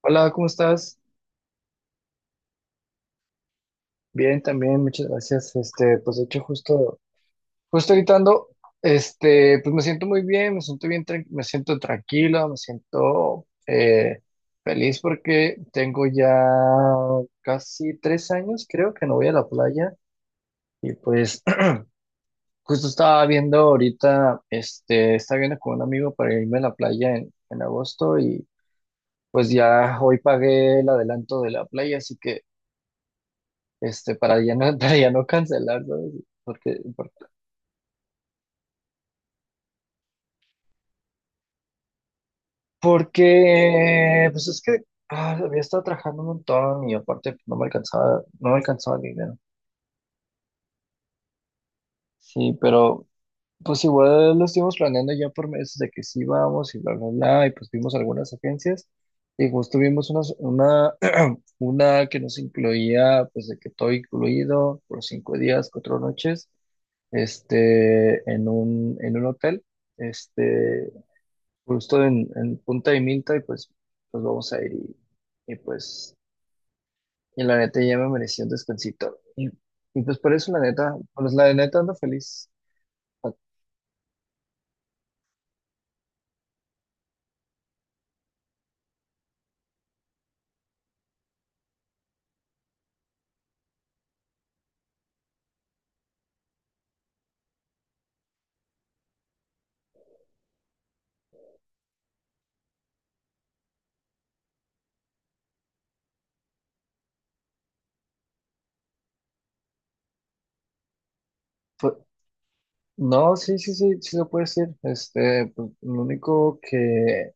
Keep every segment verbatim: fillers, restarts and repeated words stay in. Hola, ¿cómo estás? Bien, también, muchas gracias. Este, pues de hecho, justo, justo ahorita ando, este, pues me siento muy bien, me siento bien, tran- me siento tranquilo, me siento eh, feliz porque tengo ya casi tres años, creo que no voy a la playa. Y pues justo estaba viendo ahorita, este, estaba viendo con un amigo para irme a la playa en, en agosto y pues ya hoy pagué el adelanto de la playa, así que este, para ya no, para ya no cancelar, ¿sabes? Porque, por- Porque, pues es que ah, había estado trabajando un montón y aparte no me alcanzaba, no me alcanzaba el dinero. Sí, pero pues igual lo estuvimos planeando ya por meses de que sí vamos y bla, bla, bla, y pues vimos algunas agencias y justo vimos una, una, una que nos incluía, pues de que todo incluido, por cinco días, cuatro noches, este, en un, en un hotel. Este, Justo en, en Punta de Minta y pues nos vamos a ir y, y, pues y la neta ya me merecía un descansito y, y pues por eso la neta pues la neta ando feliz. Ah, fue- no, sí sí sí sí se puede decir. este pues, lo único que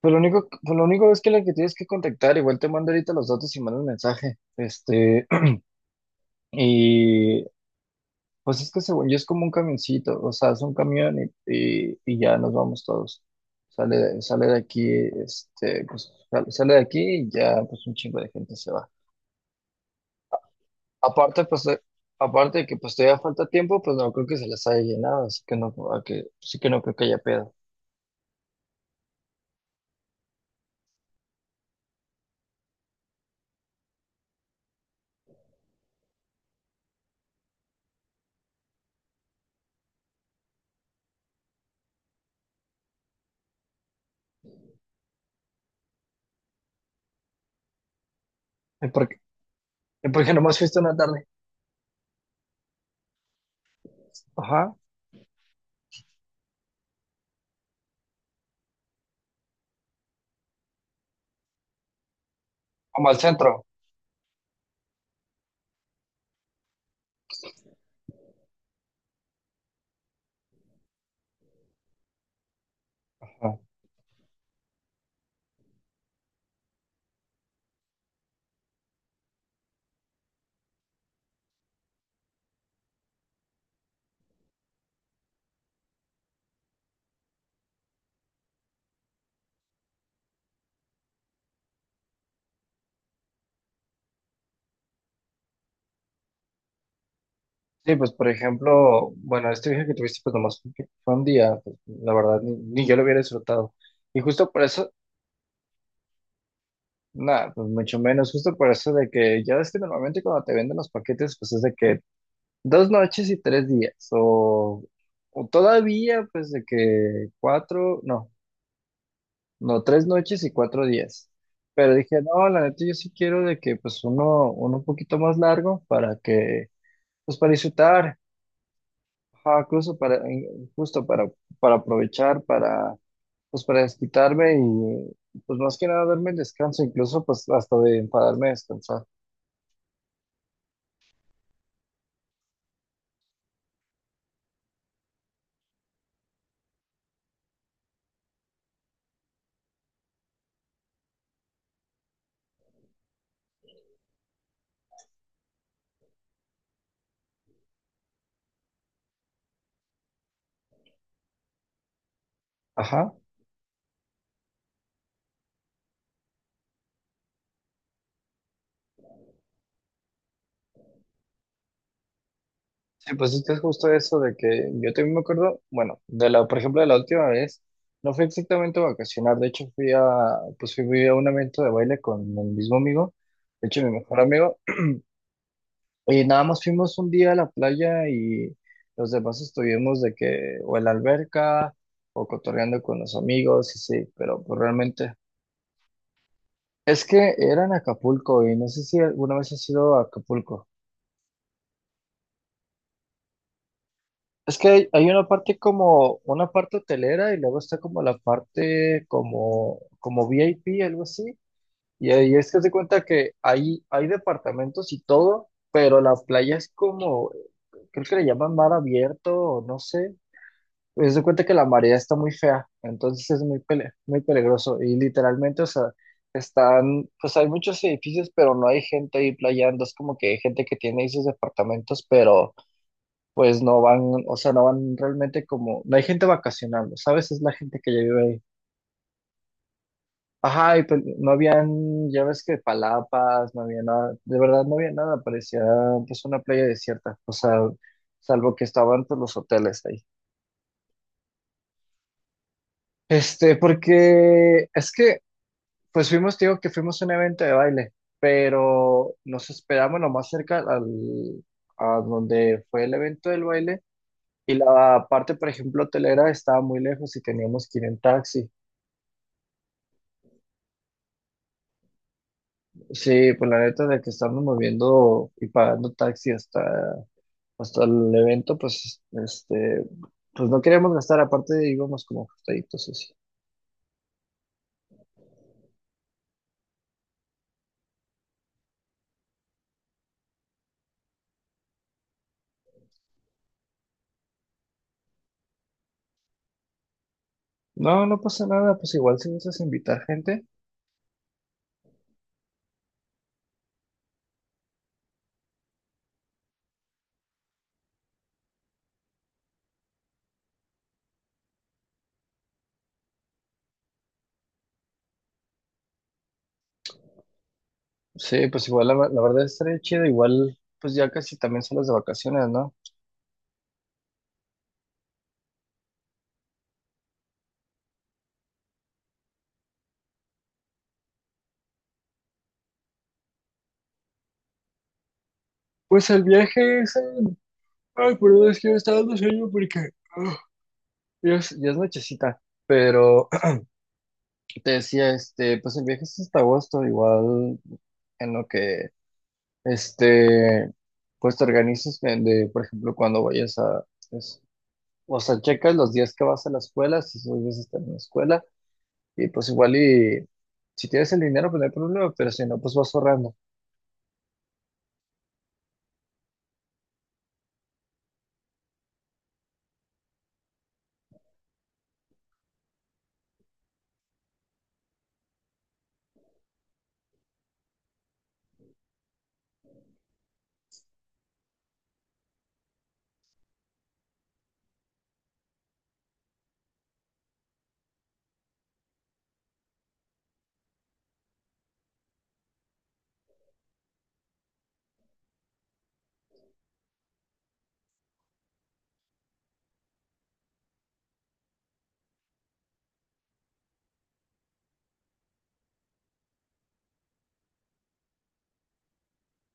pues lo único pues, Lo único es que la que tienes que contactar, igual te mando ahorita los datos y mando un mensaje. este y Pues es que según yo es como un camioncito, o sea, es un camión y, y- y ya nos vamos todos. Sale, de- sale de aquí, este, pues sale, sale de aquí y ya pues un chingo de gente se va. Aparte, pues, eh, aparte de que pues todavía falta tiempo, pues no creo que se les haya llenado, así que no, a que, sí que no creo que haya pedo. Es porque, por Porque nomás fuiste una tarde. Ajá. Como al centro. Ajá. Sí, pues por ejemplo, bueno, este viaje que tuviste pues nomás fue fue un día, pues, la verdad, ni, ni yo lo hubiera disfrutado. Y justo por eso, nada, pues mucho menos, justo por eso de que ya ves que normalmente cuando te venden los paquetes, pues es de que dos noches y tres días, o, o todavía pues de que cuatro, no, no, tres noches y cuatro días. Pero dije, no, la neta yo sí quiero de que pues uno, uno un poquito más largo para que, pues para disfrutar, ajá, incluso para, justo para, para aprovechar, para, pues para desquitarme y pues más que nada darme el descanso, incluso pues hasta de enfadarme a descansar. Ajá. Sí, pues esto es justo eso de que yo también me acuerdo, bueno, de la, por ejemplo, de la última vez, no fue exactamente a vacacionar, de hecho fui a, pues fui a un evento de baile con el mismo amigo, de hecho mi mejor amigo, y nada más fuimos un día a la playa y los demás estuvimos de que, o en la alberca, o cotorreando con los amigos, y sí, pero pues realmente, es que era en Acapulco y no sé si alguna vez has ido a Acapulco. Es que hay, hay una parte como, una parte hotelera y luego está como la parte como, como V I P, algo así. Y ahí es que se cuenta que hay, hay departamentos y todo, pero la playa es como, creo que le llaman mar abierto o no sé. Pues se cuenta que la marea está muy fea, entonces es muy, pele- muy peligroso. Y literalmente, o sea, están, pues hay muchos edificios, pero no hay gente ahí playando. Es como que hay gente que tiene esos departamentos, pero pues no van, o sea, no van realmente como, no hay gente vacacionando, ¿sabes? Es la gente que ya vive ahí. Ajá, y pues no habían, ya ves que palapas, no había nada, de verdad no había nada, parecía pues una playa desierta, o sea, salvo que estaban pues los hoteles ahí. Este, porque es que, pues fuimos, te digo que fuimos a un evento de baile, pero nos esperamos lo más cerca al, a donde fue el evento del baile. Y la parte, por ejemplo, hotelera estaba muy lejos y teníamos que ir en taxi. Sí, pues la neta de que estarnos moviendo y pagando taxi hasta, hasta el evento, pues, este, pues no queríamos gastar, aparte íbamos como ajustaditos así. No, no pasa nada, pues igual si gustas invitar gente, sí, pues igual la, la verdad estaría chido, igual pues ya casi también son las de vacaciones, ¿no? Pues el viaje es en- Ay, perdón, es que me está dando sueño porque... ah, ya es, ya es nochecita, pero te decía, este, pues el viaje es hasta agosto, igual en lo que Este, pues te organizas de, de, por ejemplo, cuando vayas a, es- o sea, checas los días que vas a la escuela, si esos días estás en la escuela, y pues igual y si tienes el dinero, pues no hay problema, pero si no, pues vas ahorrando.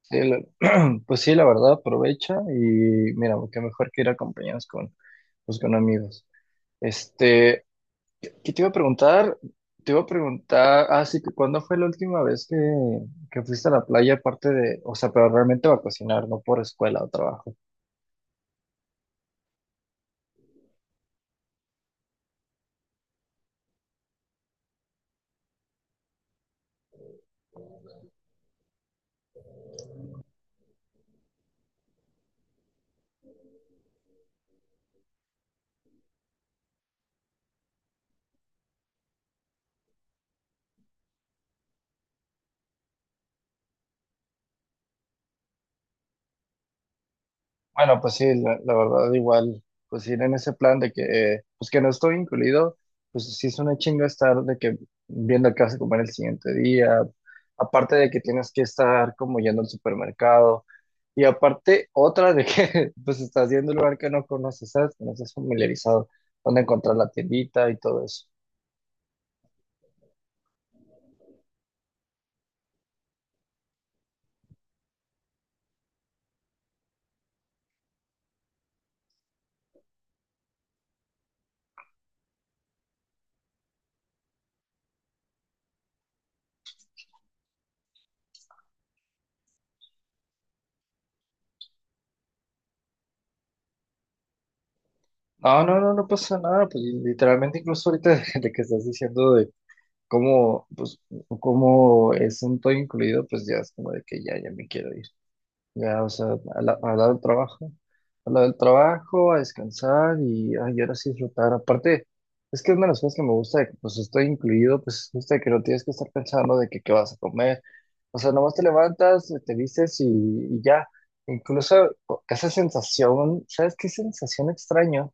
Sí, la- pues sí, la verdad, aprovecha y mira, qué mejor que ir acompañados con, pues con amigos. Este, ¿Qué te iba a preguntar? Te iba a preguntar, ah, sí, que ¿cuándo fue la última vez que, que fuiste a la playa aparte de, o sea, pero realmente va a cocinar, no por escuela o trabajo? Bueno, pues sí, la, la verdad igual, pues ir en ese plan de que, eh, pues que no estoy incluido, pues sí es una chinga estar de que viendo qué vas a comer el siguiente día, aparte de que tienes que estar como yendo al supermercado, y aparte otra de que pues estás yendo a un lugar que no conoces, ¿sabes? Que no estás familiarizado, dónde encontrar la tiendita y todo eso. No, no, no, no pasa nada, pues literalmente incluso ahorita de que estás diciendo como, pues, como es un todo incluido, pues ya es como de que ya, ya me quiero ir. Ya, o sea, a la, a la del trabajo, a la del trabajo, a descansar y, ay, ahora sí disfrutar. Aparte, es que es una de las cosas que me gusta de que, pues, estoy incluido, pues, gusta que no tienes que estar pensando de que qué vas a comer. O sea, nomás te levantas, te vistes y, y ya. Incluso esa sensación, ¿sabes qué sensación extraño?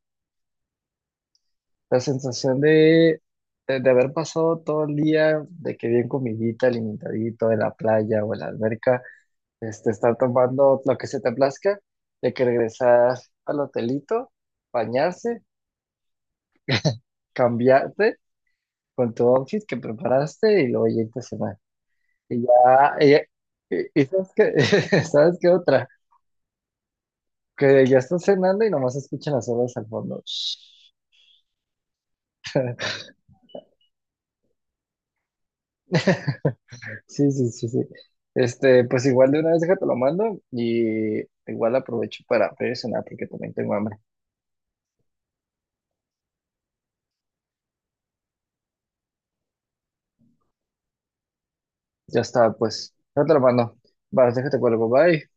La sensación de, de, de haber pasado todo el día, de que bien comidita, alimentadito, de la playa o en la alberca, este, estar tomando lo que se te plazca, de que regresar al hotelito, bañarse, cambiarte con tu outfit que preparaste y luego irte a cenar. Y ya, y, y- y sabes qué, ¿sabes qué otra? Que ya estás cenando y nomás escuchan las olas al fondo. Sí, sí, sí, sí. Este, pues igual de una vez déjate lo mando y igual aprovecho para pedir cenar porque también tengo hambre. Ya está, pues, ya te lo mando. Vale, déjate cuelgo, bye.